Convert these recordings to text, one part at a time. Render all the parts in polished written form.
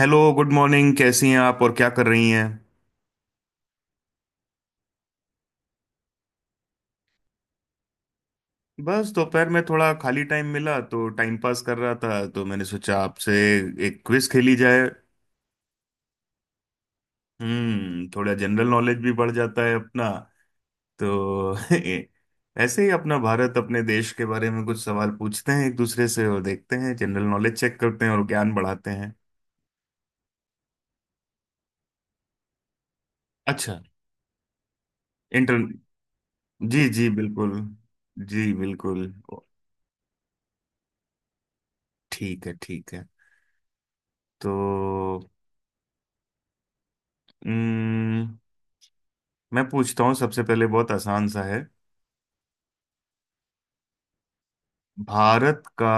Hello, good morning. कैसी हैं आप? और क्या कर रही हैं? बस दोपहर में थोड़ा खाली टाइम मिला तो टाइम पास कर रहा था, तो मैंने सोचा आपसे एक क्विज खेली जाए। थोड़ा जनरल नॉलेज भी बढ़ जाता है अपना, तो ऐसे ही अपना भारत, अपने देश के बारे में कुछ सवाल पूछते हैं एक दूसरे से और देखते हैं, जनरल नॉलेज चेक करते हैं और ज्ञान बढ़ाते हैं। अच्छा। इंटर जी जी बिल्कुल। जी बिल्कुल। ओ, ठीक है, ठीक है। तो हम्म मैं पूछता हूँ, सबसे पहले बहुत आसान सा है। भारत का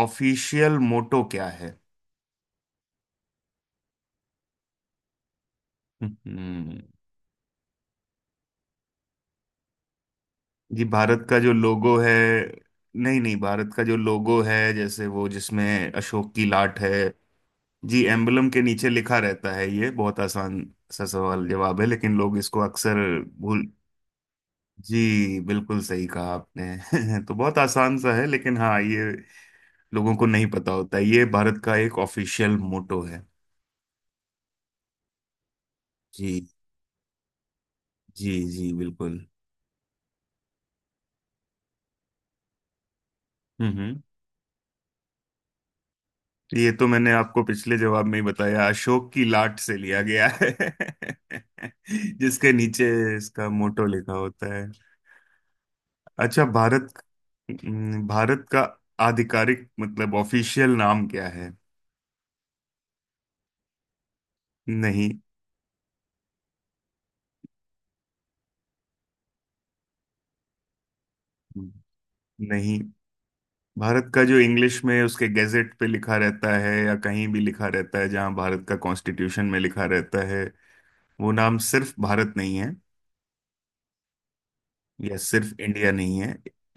ऑफिशियल मोटो क्या है? हम्म। जी, भारत का जो लोगो है। नहीं नहीं, भारत का जो लोगो है, जैसे वो जिसमें अशोक की लाट है, जी एम्बलम के नीचे लिखा रहता है। ये बहुत आसान सा सवाल जवाब है, लेकिन लोग इसको अक्सर भूल... जी बिल्कुल, सही कहा आपने। तो बहुत आसान सा है, लेकिन हाँ, ये लोगों को नहीं पता होता है, ये भारत का एक ऑफिशियल मोटो है। जी। जी जी बिल्कुल। हम्म। ये तो मैंने आपको पिछले जवाब में ही बताया, अशोक की लाट से लिया गया है जिसके नीचे इसका मोटो लिखा होता है। अच्छा, भारत। भारत का आधिकारिक मतलब ऑफिशियल नाम क्या है? नहीं नहीं, भारत का जो इंग्लिश में उसके गैजेट पे लिखा रहता है, या कहीं भी लिखा रहता है, जहां भारत का कॉन्स्टिट्यूशन में लिखा रहता है, वो नाम सिर्फ भारत नहीं, यह सिर्फ इंडिया नहीं है।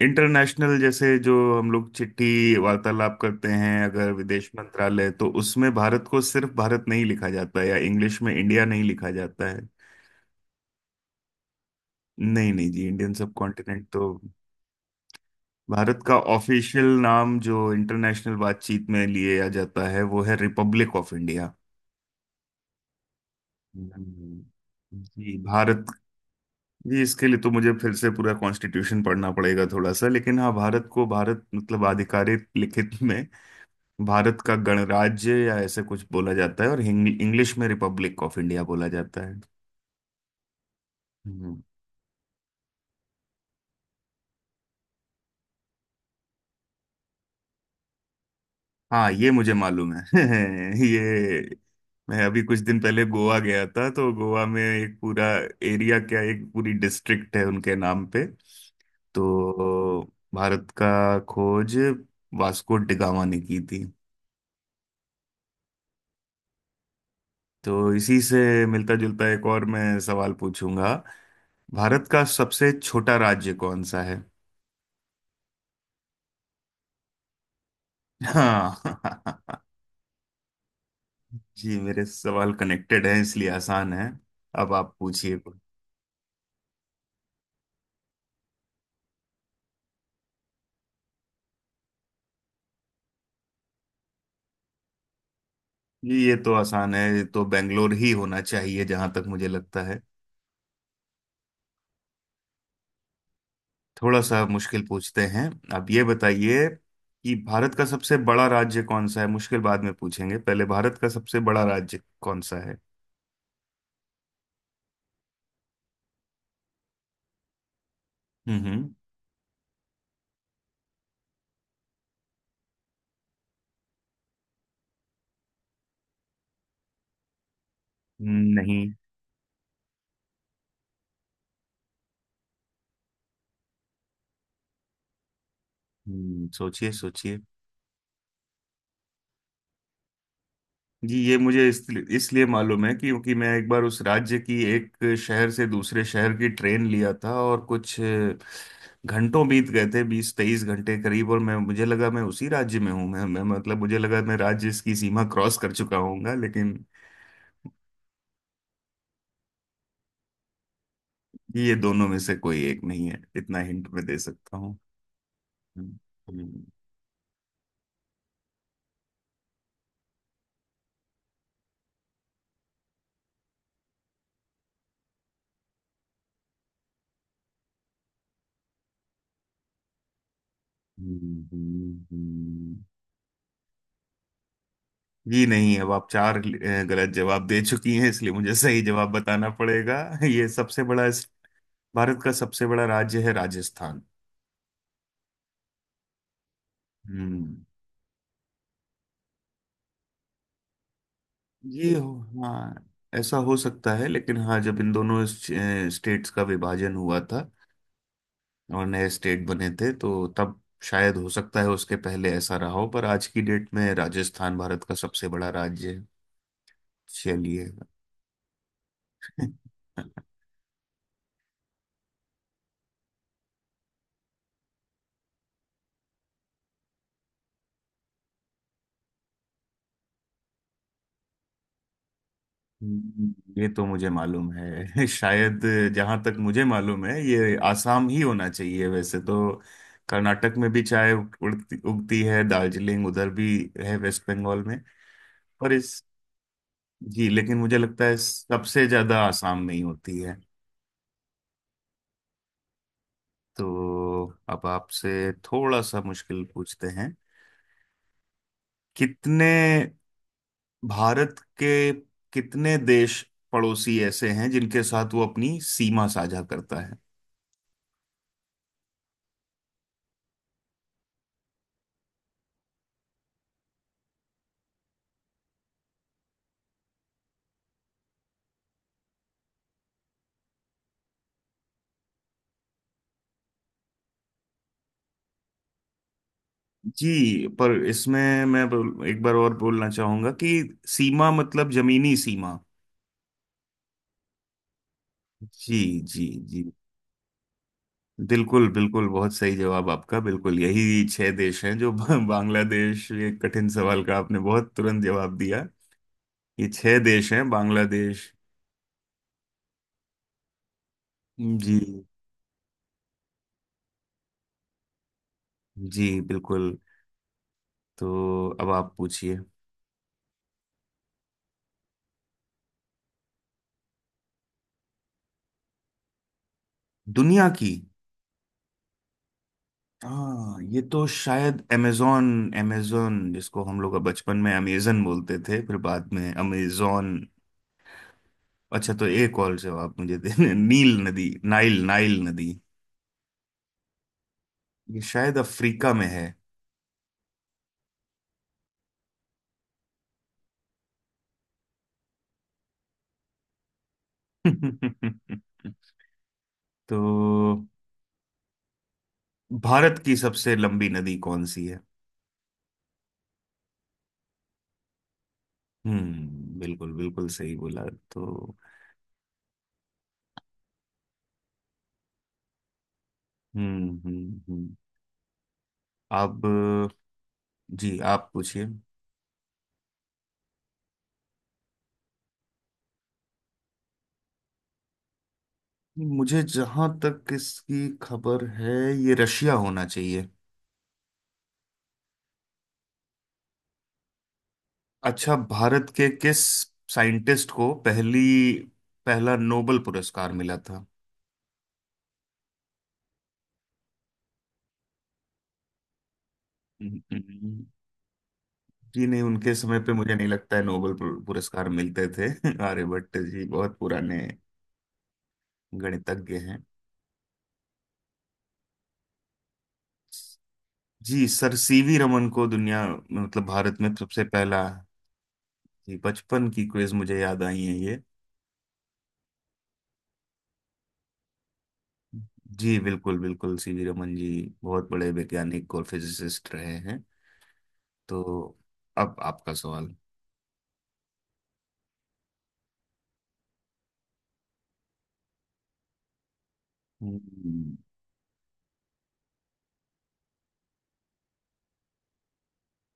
इंटरनेशनल जैसे जो हम लोग चिट्ठी वार्तालाप करते हैं, अगर विदेश मंत्रालय, तो उसमें भारत को सिर्फ भारत नहीं लिखा जाता है, या इंग्लिश में इंडिया नहीं लिखा जाता है। नहीं नहीं, जी इंडियन सब कॉन्टिनेंट तो... भारत का ऑफिशियल नाम जो इंटरनेशनल बातचीत में लिया जाता है, वो है रिपब्लिक ऑफ इंडिया। हम्म। जी भारत। जी, इसके लिए तो मुझे फिर से पूरा कॉन्स्टिट्यूशन पढ़ना पड़ेगा थोड़ा सा, लेकिन हाँ, भारत को भारत मतलब आधिकारिक लिखित में भारत का गणराज्य या ऐसे कुछ बोला जाता है, और इंग्लिश में रिपब्लिक ऑफ इंडिया बोला जाता है। हम्म। हाँ, ये मुझे मालूम है ये मैं अभी कुछ दिन पहले गोवा गया था, तो गोवा में एक पूरा एरिया, क्या एक पूरी डिस्ट्रिक्ट है उनके नाम पे, तो भारत का खोज वास्को डिगामा ने की थी। तो इसी से मिलता जुलता एक और मैं सवाल पूछूंगा। भारत का सबसे छोटा राज्य कौन सा है? हाँ जी, मेरे सवाल कनेक्टेड हैं, इसलिए आसान है। अब आप पूछिए कुछ। जी, ये तो आसान है, ये तो बेंगलोर ही होना चाहिए, जहां तक मुझे लगता है। थोड़ा सा मुश्किल पूछते हैं, आप ये बताइए, कि भारत का सबसे बड़ा राज्य कौन सा है। मुश्किल बाद में पूछेंगे, पहले भारत का सबसे बड़ा राज्य कौन सा है? हम्म। हम्म, नहीं। सोचिए सोचिए। जी, ये मुझे इसलिए इसलिए मालूम है, क्योंकि मैं एक बार उस राज्य की एक शहर से दूसरे शहर की ट्रेन लिया था, और कुछ घंटों बीत गए थे, 20-23 घंटे करीब, और मैं मुझे लगा मैं उसी राज्य में हूँ, मैं मतलब मुझे लगा मैं राज्य की सीमा क्रॉस कर चुका होऊंगा, लेकिन ये दोनों में से कोई एक नहीं है, इतना हिंट मैं दे सकता हूँ। हम्म, हम्म, हम्म, हम्म, हम्म। जी नहीं, अब आप चार गलत जवाब दे चुकी हैं, इसलिए मुझे सही जवाब बताना पड़ेगा ये सबसे बड़ा भारत का सबसे बड़ा राज्य है राजस्थान। हम्म। ये हो... हाँ, ऐसा हो सकता है, लेकिन हाँ, जब इन दोनों स्टेट्स का विभाजन हुआ था, और नए स्टेट बने थे, तो तब शायद हो सकता है उसके पहले ऐसा रहा हो, पर आज की डेट में राजस्थान भारत का सबसे बड़ा राज्य है। चलिए ये तो मुझे मालूम है शायद। जहां तक मुझे मालूम है, ये आसाम ही होना चाहिए, वैसे तो कर्नाटक में भी चाय उड़ती उगती है, दार्जिलिंग उधर भी है, वेस्ट बंगाल में। पर इस... जी, लेकिन मुझे लगता है सबसे ज्यादा आसाम में ही होती है। तो अब आपसे थोड़ा सा मुश्किल पूछते हैं। कितने भारत के कितने देश पड़ोसी ऐसे हैं, जिनके साथ वो अपनी सीमा साझा करता है? जी, पर इसमें मैं एक बार और बोलना चाहूंगा कि सीमा मतलब जमीनी सीमा। जी जी। जी बिल्कुल, बिल्कुल बहुत सही जवाब आपका, बिल्कुल यही छह देश हैं, जो बांग्लादेश, ये कठिन सवाल का आपने बहुत तुरंत जवाब दिया। ये छह देश हैं बांग्लादेश। जी जी बिल्कुल। तो अब आप पूछिए। दुनिया की... हाँ, ये तो शायद अमेजोन, अमेजोन जिसको हम लोग बचपन में अमेजन बोलते थे, फिर बाद में अमेजोन। अच्छा, तो एक और जवाब मुझे देने, नील नदी नाइल नाइल नदी। ये शायद अफ्रीका में है तो भारत की सबसे लंबी नदी कौन सी है? हम्म, बिल्कुल बिल्कुल सही बोला। तो हम्म। अब... जी, आप पूछिए। मुझे जहां तक इसकी खबर है, ये रशिया होना चाहिए। अच्छा, भारत के किस साइंटिस्ट को पहली पहला नोबल पुरस्कार मिला था? जी नहीं, उनके समय पे मुझे नहीं लगता है नोबेल पुरस्कार मिलते थे आर्यभट्ट जी बहुत पुराने गणितज्ञ हैं। जी, सर सीवी रमन को दुनिया मतलब भारत में सबसे पहला। जी, बचपन की क्विज मुझे याद आई है ये। जी बिल्कुल बिल्कुल, सीवी रमन जी बहुत बड़े वैज्ञानिक और फिजिसिस्ट रहे हैं। तो अब आपका सवाल। हम्म,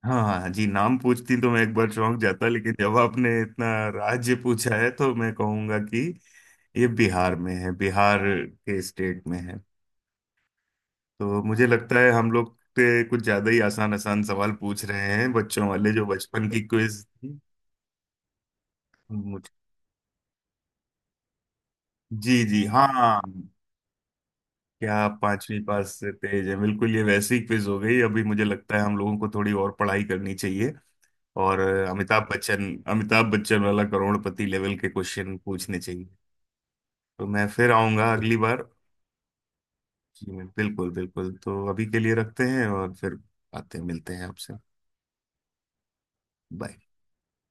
हाँ हाँ, हाँ, जी नाम पूछती तो मैं एक बार चौंक जाता, लेकिन जब आपने इतना राज्य पूछा है, तो मैं कहूंगा कि ये बिहार में है, बिहार के स्टेट में है। तो मुझे लगता है हम लोग के कुछ ज्यादा ही आसान आसान सवाल पूछ रहे हैं, बच्चों वाले, जो बचपन की क्विज थी। मुझे- जी जी हाँ। क्या आप पांचवी पास से तेज है, बिल्कुल ये वैसी क्विज हो गई अभी, मुझे लगता है हम लोगों को थोड़ी और पढ़ाई करनी चाहिए। और अमिताभ बच्चन वाला करोड़पति लेवल के क्वेश्चन पूछने चाहिए। तो मैं फिर आऊंगा अगली बार। जी बिल्कुल बिल्कुल, तो अभी के लिए रखते हैं, और फिर आते हैं, मिलते हैं आपसे। बाय।